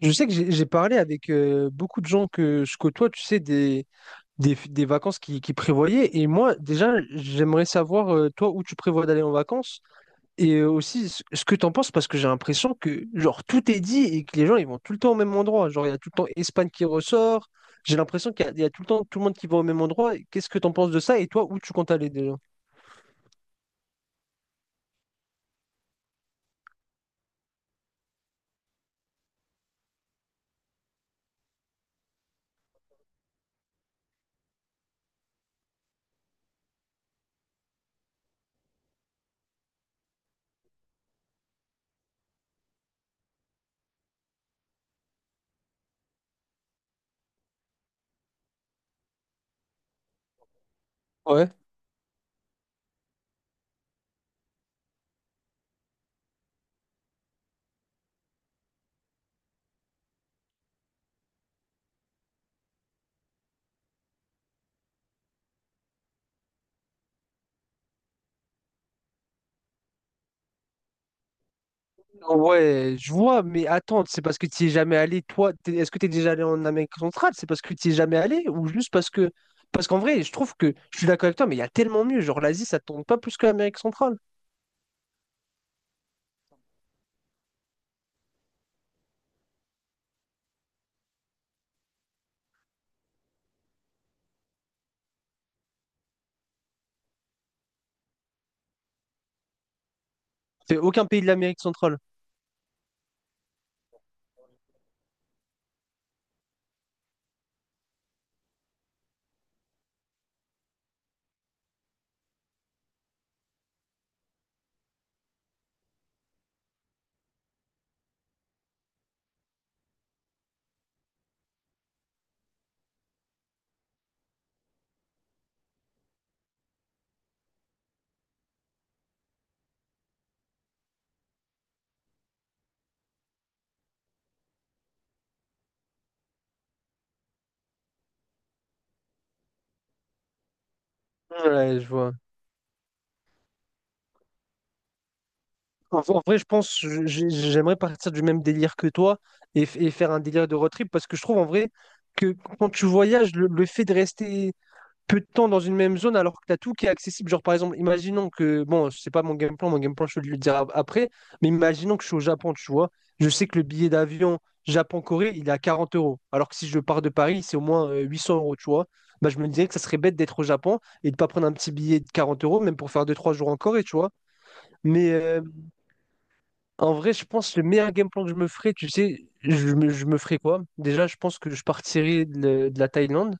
Je sais que j'ai parlé avec beaucoup de gens que je côtoie, tu sais, des vacances qui prévoyaient. Et moi, déjà, j'aimerais savoir, toi, où tu prévois d'aller en vacances et aussi ce que tu en penses, parce que j'ai l'impression que, genre, tout est dit et que les gens, ils vont tout le temps au même endroit. Genre, il y a tout le temps Espagne qui ressort. J'ai l'impression qu'il y, a il y a tout le temps tout le monde qui va au même endroit. Qu'est-ce que tu en penses de ça et toi, où tu comptes aller déjà? Ouais. Ouais, je vois, mais attends, c'est parce que tu es jamais allé, toi, est-ce que tu es déjà allé en Amérique centrale? C'est parce que tu es jamais allé ou juste parce que... Parce qu'en vrai, je trouve que je suis d'accord avec toi, mais il y a tellement mieux. Genre, l'Asie, ça tourne pas plus que l'Amérique centrale. C'est aucun pays de l'Amérique centrale. Ouais, je vois. En vrai, je pense, j'aimerais partir du même délire que toi et, et faire un délire de road trip parce que je trouve en vrai que quand tu voyages, le fait de rester peu de temps dans une même zone alors que tu as tout qui est accessible. Genre, par exemple, imaginons que, bon, c'est pas mon game plan, mon game plan, je vais le dire après, mais imaginons que je suis au Japon, tu vois. Je sais que le billet d'avion Japon-Corée, il est à 40 euros. Alors que si je pars de Paris, c'est au moins 800 euros, tu vois. Bah, je me dirais que ça serait bête d'être au Japon et de pas prendre un petit billet de 40 euros, même pour faire deux trois jours en Corée, tu vois. Mais en vrai, je pense que le meilleur game plan que je me ferais, tu sais, je me ferais quoi? Déjà, je pense que je partirais de la Thaïlande.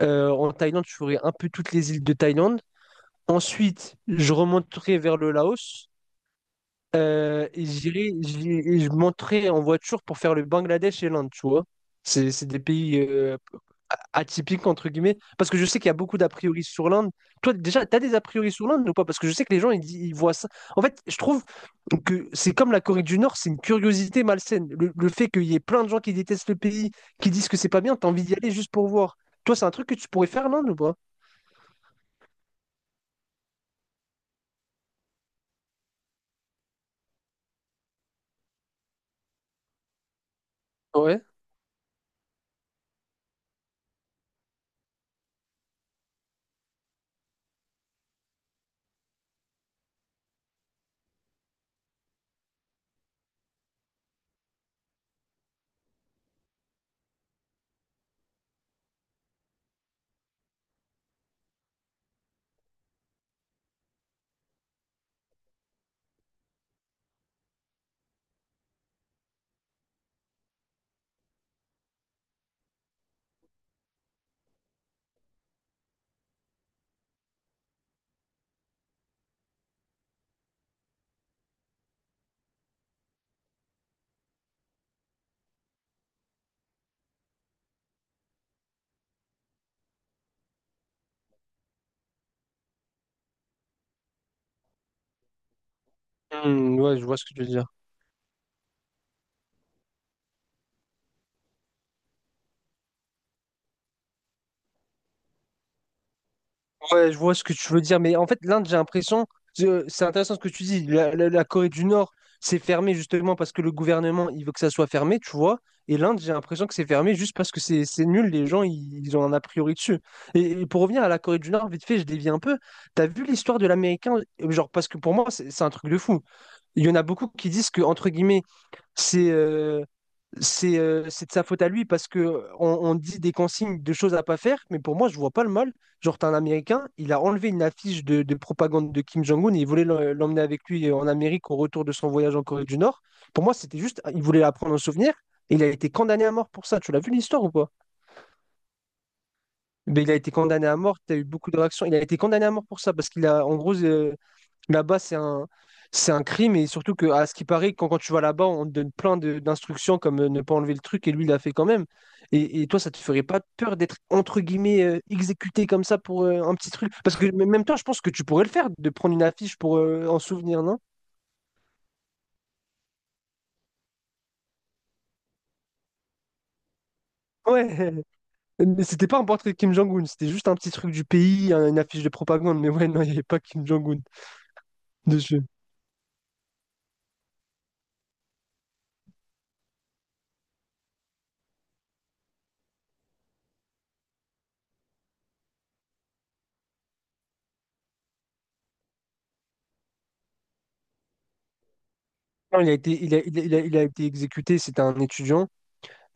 En Thaïlande, je ferais un peu toutes les îles de Thaïlande. Ensuite, je remonterai vers le Laos et et je monterai en voiture pour faire le Bangladesh et l'Inde, tu vois. C'est des pays atypiques, entre guillemets, parce que je sais qu'il y a beaucoup d'a priori sur l'Inde. Toi, déjà, t'as des a priori sur l'Inde ou pas? Parce que je sais que les gens, ils voient ça. En fait, je trouve que c'est comme la Corée du Nord, c'est une curiosité malsaine. Le fait qu'il y ait plein de gens qui détestent le pays, qui disent que c'est pas bien, t'as envie d'y aller juste pour voir. Toi, c'est un truc que tu pourrais faire, l'Inde ou pas? Ouais. Ouais, je vois ce que tu veux dire. Ouais, je vois ce que tu veux dire, mais en fait, l'Inde, j'ai l'impression, c'est intéressant ce que tu dis, la Corée du Nord, c'est fermé justement parce que le gouvernement, il veut que ça soit fermé, tu vois, et l'Inde, j'ai l'impression que c'est fermé juste parce que c'est nul, les gens, ils ont un a priori dessus. Et pour revenir à la Corée du Nord, vite fait, je dévie un peu, t'as vu l'histoire de l'Américain, genre, parce que pour moi, c'est un truc de fou, il y en a beaucoup qui disent que, entre guillemets, c'est euh, c'est de sa faute à lui parce que on dit des consignes de choses à pas faire, mais pour moi, je vois pas le mal. Genre, t'as un Américain, il a enlevé une affiche de propagande de Kim Jong-un et il voulait l'emmener avec lui en Amérique au retour de son voyage en Corée du Nord. Pour moi, c'était juste, il voulait la prendre en souvenir. Et il a été condamné à mort pour ça. Tu l'as vu l'histoire ou pas? Ben il a été condamné à mort. T'as eu beaucoup de réactions. Il a été condamné à mort pour ça parce qu'il a, en gros, là-bas, c'est un crime et surtout que, à ce qui paraît, quand tu vas là-bas, on te donne plein d'instructions comme ne pas enlever le truc et lui, il l'a fait quand même. Et toi, ça te ferait pas peur d'être, entre guillemets, exécuté comme ça pour un petit truc? Parce que mais même temps, je pense que tu pourrais le faire, de prendre une affiche pour en souvenir, non? Ouais, mais c'était pas un portrait de Kim Jong-un, c'était juste un petit truc du pays, une affiche de propagande, mais ouais, non, il n'y avait pas Kim Jong-un dessus. Non, il a été, il a, il a, il a- il a été exécuté, c'était un étudiant.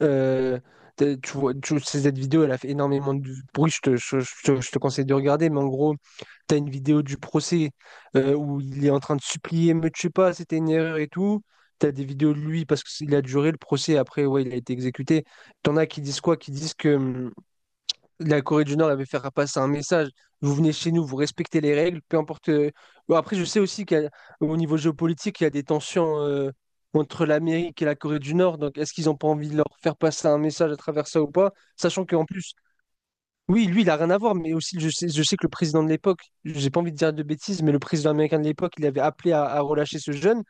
Euh, Tu vois, cette vidéo, elle a fait énormément de bruit. Je te conseille de regarder, mais en gros, tu as une vidéo du procès où il est en train de supplier, me tue pas, c'était une erreur et tout. Tu as des vidéos de lui parce qu'il a duré le procès. Après, ouais, il a été exécuté. T'en as qui disent quoi? Qui disent que la Corée du Nord avait fait faire passer un message. Vous venez chez nous, vous respectez les règles, peu importe. Bon, après, je sais aussi qu'au niveau géopolitique, il y a des tensions entre l'Amérique et la Corée du Nord. Donc, est-ce qu'ils n'ont pas envie de leur faire passer un message à travers ça ou pas? Sachant qu'en plus, oui, lui, il n'a rien à voir, mais aussi, je sais que le président de l'époque, j'ai pas envie de dire de bêtises, mais le président américain de l'époque, il avait appelé à relâcher ce jeune.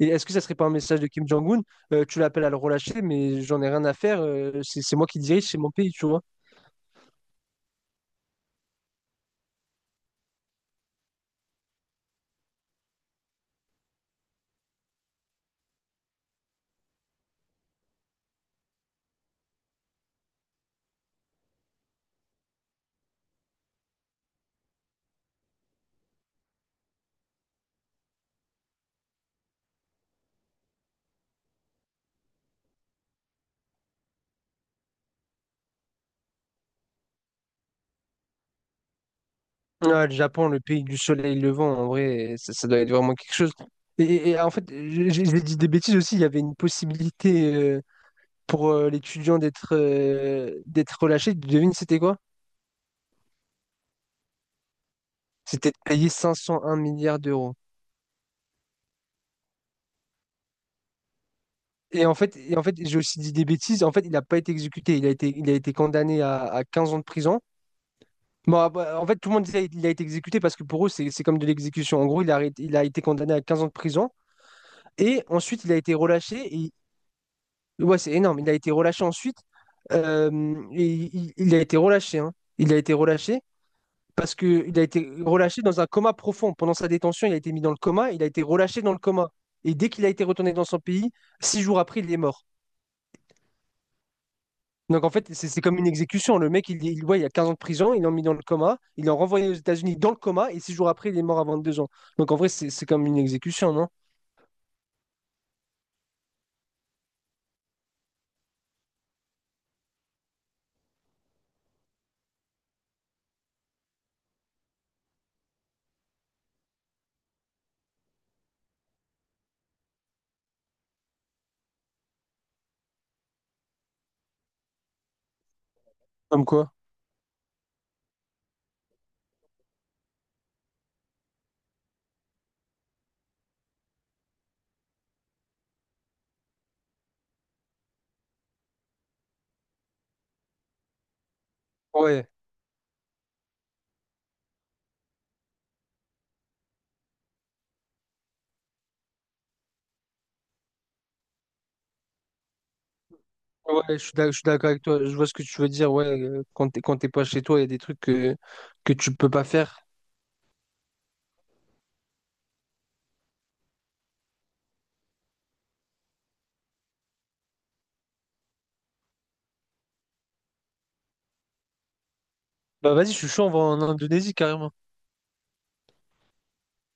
Et est-ce que ça serait pas un message de Kim Jong-un? Tu l'appelles à le relâcher, mais j'en ai rien à faire. C'est moi qui dirige, c'est mon pays, tu vois. Ouais, le Japon, le pays du soleil levant, en vrai, ça doit être vraiment quelque chose. Et en fait, j'ai dit des bêtises aussi, il y avait une possibilité pour l'étudiant d'être d'être relâché. Devine, c'était quoi? C'était de payer 501 milliards d'euros. Et en fait, j'ai aussi dit des bêtises. En fait, il n'a pas été exécuté. Il a été condamné à 15 ans de prison. Bon, ah bah, en fait, tout le monde disait qu'il a été exécuté parce que pour eux, c'est comme de l'exécution. En gros, il a été condamné à 15 ans de prison. Et ensuite, il a été relâché. Et... Ouais, c'est énorme. Il a été relâché ensuite. Et il a été relâché. Hein. Il a été relâché parce qu'il a été relâché dans un coma profond. Pendant sa détention, il a été mis dans le coma. Il a été relâché dans le coma. Et dès qu'il a été retourné dans son pays, six jours après, il est mort. Donc en fait, c'est comme une exécution. Le mec, ouais, il y a 15 ans de prison, il l'ont mis dans le coma, il l'ont renvoyé aux États-Unis dans le coma, et six jours après, il est mort à deux ans. Donc en vrai, c'est comme une exécution, non? Comme quoi? Ouais, je suis d'accord avec toi. Je vois ce que tu veux dire. Ouais, quand quand t'es pas chez toi, il y a des trucs que tu peux pas faire. Bah vas-y, je suis chaud, on va en Indonésie carrément.